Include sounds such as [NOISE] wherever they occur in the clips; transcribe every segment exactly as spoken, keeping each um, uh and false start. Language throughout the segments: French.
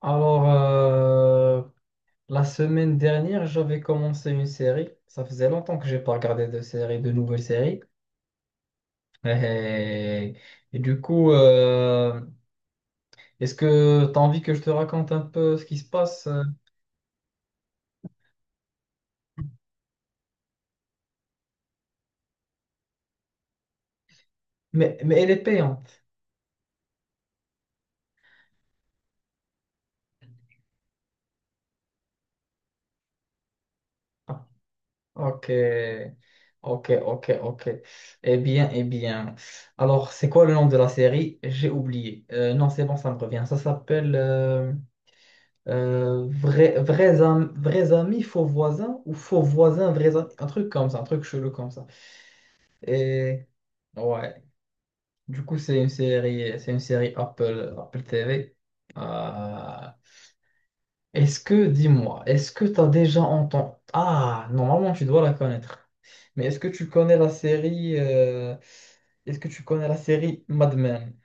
Alors, euh, la semaine dernière, j'avais commencé une série. Ça faisait longtemps que j'ai pas regardé de série, de nouvelles séries. [LAUGHS] Et, et du coup, euh, est-ce que tu as envie que je te raconte un peu ce qui se passe? euh Mais, mais elle est payante. Ah, ok, ok, ok, ok. Eh bien, eh bien. Alors, c'est quoi le nom de la série? J'ai oublié. Euh, non, c'est bon, ça me revient. Ça s'appelle... euh, Euh, vrai- vrais, am- vrais amis, faux voisins ou faux voisins, vrais amis. Un truc comme ça, un truc chelou comme ça. Et ouais, du coup, c'est une série, c'est une série Apple, Apple T V. Euh, est-ce que, dis-moi, est-ce que tu as déjà entendu... Ah, normalement, tu dois la connaître. Mais est-ce que tu connais la série... euh, Est-ce que tu connais la série Mad Men?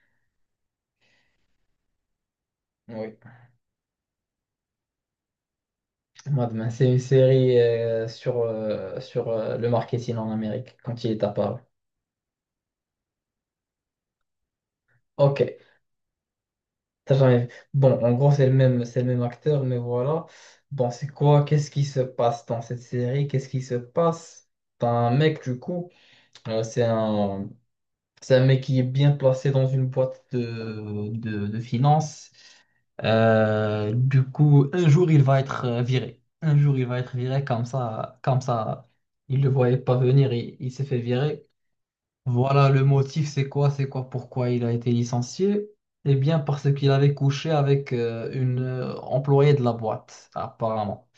Oui. Mad Men, c'est une série euh, sur, euh, sur euh, le marketing en Amérique quand il est apparu. Ok, t'as jamais vu. Bon, en gros, c'est le même, c'est le même acteur, mais voilà. Bon, c'est quoi? Qu'est-ce qui se passe dans cette série? Qu'est-ce qui se passe? T'as un mec, du coup, euh, c'est un, c'est un mec qui est bien placé dans une boîte de, de, de finances. Euh, du coup, un jour, il va être euh, viré. Un jour, il va être viré comme ça, comme ça. Il ne le voyait pas venir, il, il s'est fait virer. Voilà, le motif, c'est quoi? C'est quoi? Pourquoi il a été licencié? Eh bien, parce qu'il avait couché avec euh, une euh, employée de la boîte, apparemment.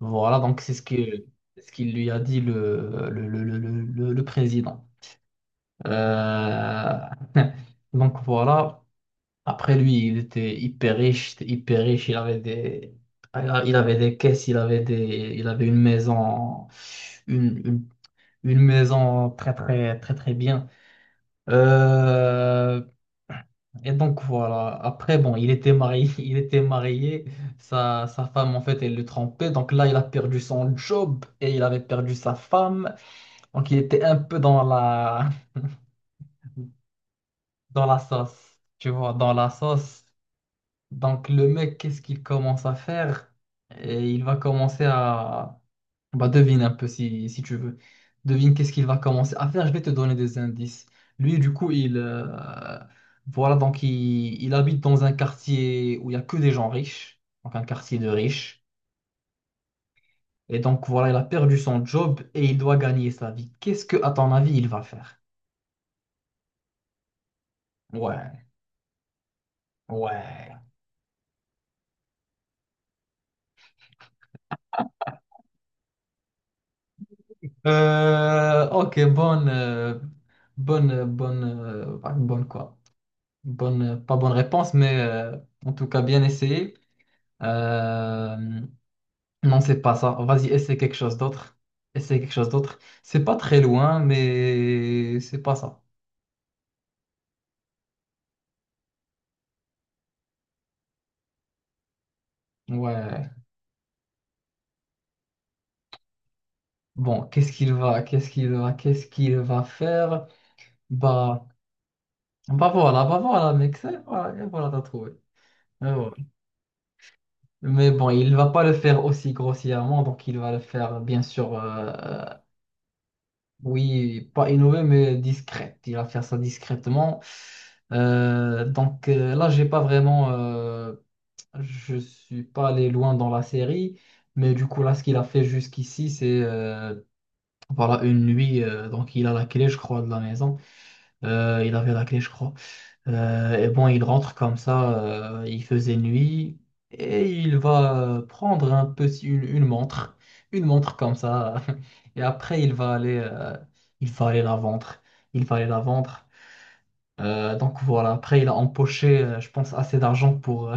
Voilà, donc c'est ce que, Ce qu'il lui a dit le, le, le, le, le- le- le président. Euh, [LAUGHS] Donc voilà, après lui, il était hyper riche, c'était hyper riche, il avait des, il avait des caisses, il avait des, il avait une maison, une, une une maison très très très très bien. Euh, et donc voilà. Après, bon, il était marié, [LAUGHS] il était marié. Sa, sa femme, en fait, elle le trompait. Donc là, il a perdu son job et il avait perdu sa femme. Donc il était un peu dans la, [LAUGHS] dans la sauce. Tu vois, dans la sauce. Donc le mec, qu'est-ce qu'il commence à faire? Et il va commencer à, bah, devine un peu si, si tu veux. Devine qu'est-ce qu'il va commencer à faire. Je vais te donner des indices. Lui, du coup, il, euh, voilà, donc il, il habite dans un quartier où il n'y a que des gens riches, donc un quartier de riches. Et donc, voilà, il a perdu son job et il doit gagner sa vie. Qu'est-ce que, à ton avis, il va faire? Ouais, ouais. Euh, ok, bonne, euh, bonne, euh, bonne, euh, bah, bonne quoi? Bonne, euh, pas bonne réponse, mais euh, en tout cas, bien essayé. Euh, Non, c'est pas ça. Vas-y, essaie quelque chose d'autre. Essaie quelque chose d'autre. C'est pas très loin, mais c'est pas ça. Ouais. Bon, qu'est-ce qu'il va, qu'est-ce qu'il va, qu'est-ce qu'il va faire? Bah, bah voilà, Bah voilà, mec. c'est- Voilà, et voilà, t'as trouvé. Et voilà. Mais bon, il va pas le faire aussi grossièrement, donc il va le faire, bien sûr, euh, oui, pas innové, mais discret. Il va faire ça discrètement. Euh, donc euh, là, j'ai pas vraiment. euh, Je suis pas allé loin dans la série, mais du coup, là, ce qu'il a fait jusqu'ici, c'est euh, voilà, une nuit. euh, Donc, il a la clé, je crois, de la maison. Euh, il avait la clé, je crois. Euh, et bon, il rentre comme ça. euh, Il faisait nuit. Et il va euh, prendre un petit, une, une montre. Une montre comme ça. [LAUGHS] Et après, il va aller, euh, il va aller la vendre. Il va aller la vendre. Euh, donc, voilà. Après, il a empoché, euh, je pense, assez d'argent pour. euh,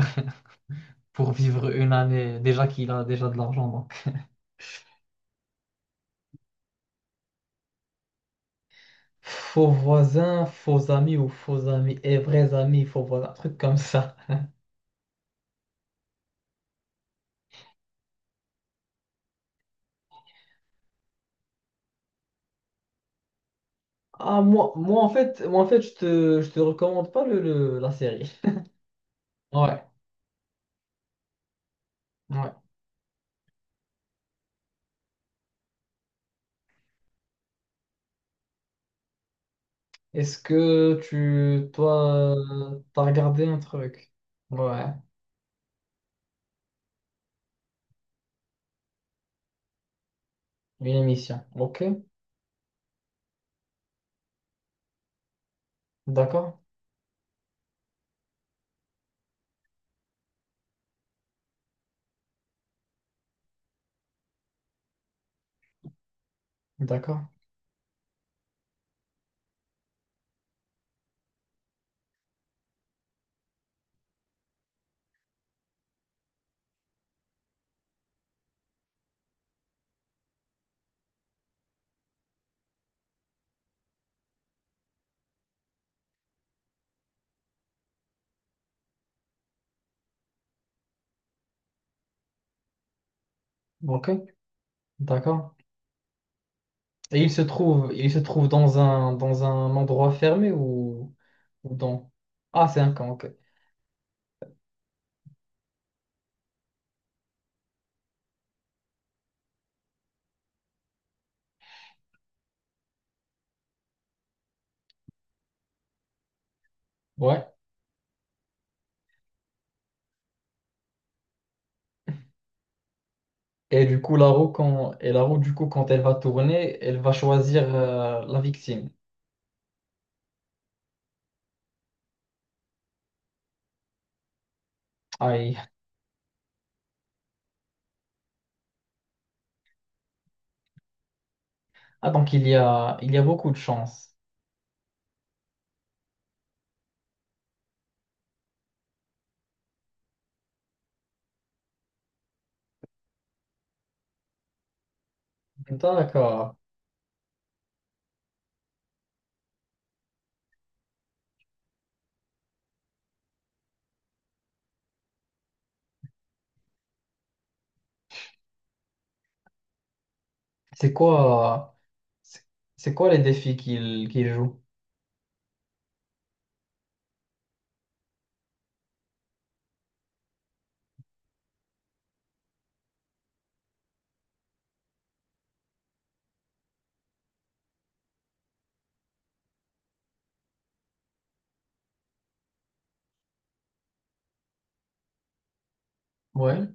pour vivre une année, déjà qu'il a déjà de l'argent. Donc, faux voisins, faux amis ou faux amis et vrais amis, faux voisins, un truc comme ça. Ah, moi, moi en fait, moi, en fait, je te, je te recommande pas le, le- la série. Ouais, ouais. Est-ce que tu, toi, euh, t'as regardé un truc? Ouais, une émission. Ok, d'accord, d'accord, ok, d'accord. Et il se trouve, il se trouve dans un, dans un endroit fermé ou, ou dans... Ah, c'est un camp, ok. Ouais. Et du coup, la roue, quand, et la roue, du coup, quand elle va tourner, elle va choisir euh, la victime. Aïe. Ah, donc il y a, il y a beaucoup de chance. D'accord. C'est quoi, c'est c'est quoi les défis qu'il qu'il joue? Ouais,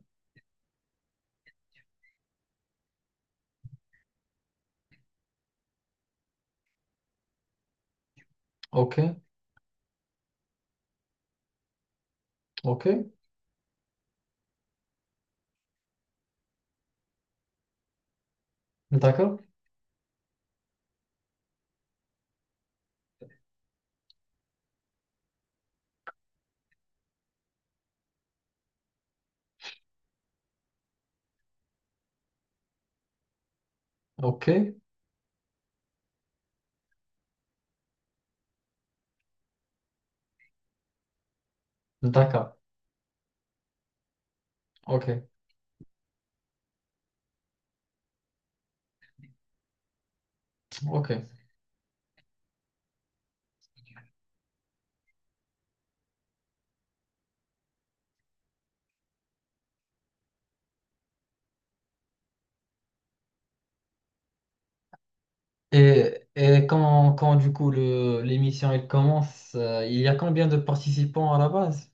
ok, ok, d'accord, ok, d'accord, ok, ok. Et, et quand, quand du coup le, l'émission elle commence, euh, il y a combien de participants à la base?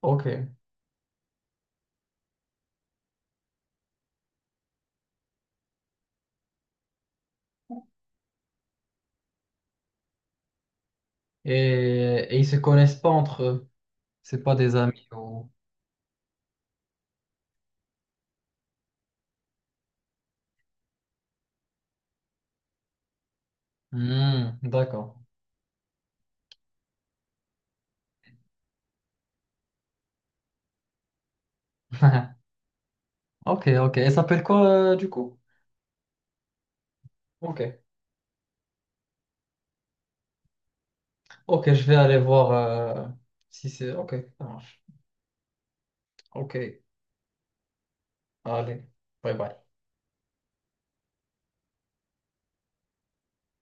Ok. Et, et ils se connaissent pas entre eux. C'est pas des amis ou... Hmm, d'accord. [LAUGHS] Ok, ok. Elle s'appelle quoi euh, du coup? Ok. Ok, je vais aller voir euh, si c'est. Ok, ça marche. Ok, allez. Bye bye.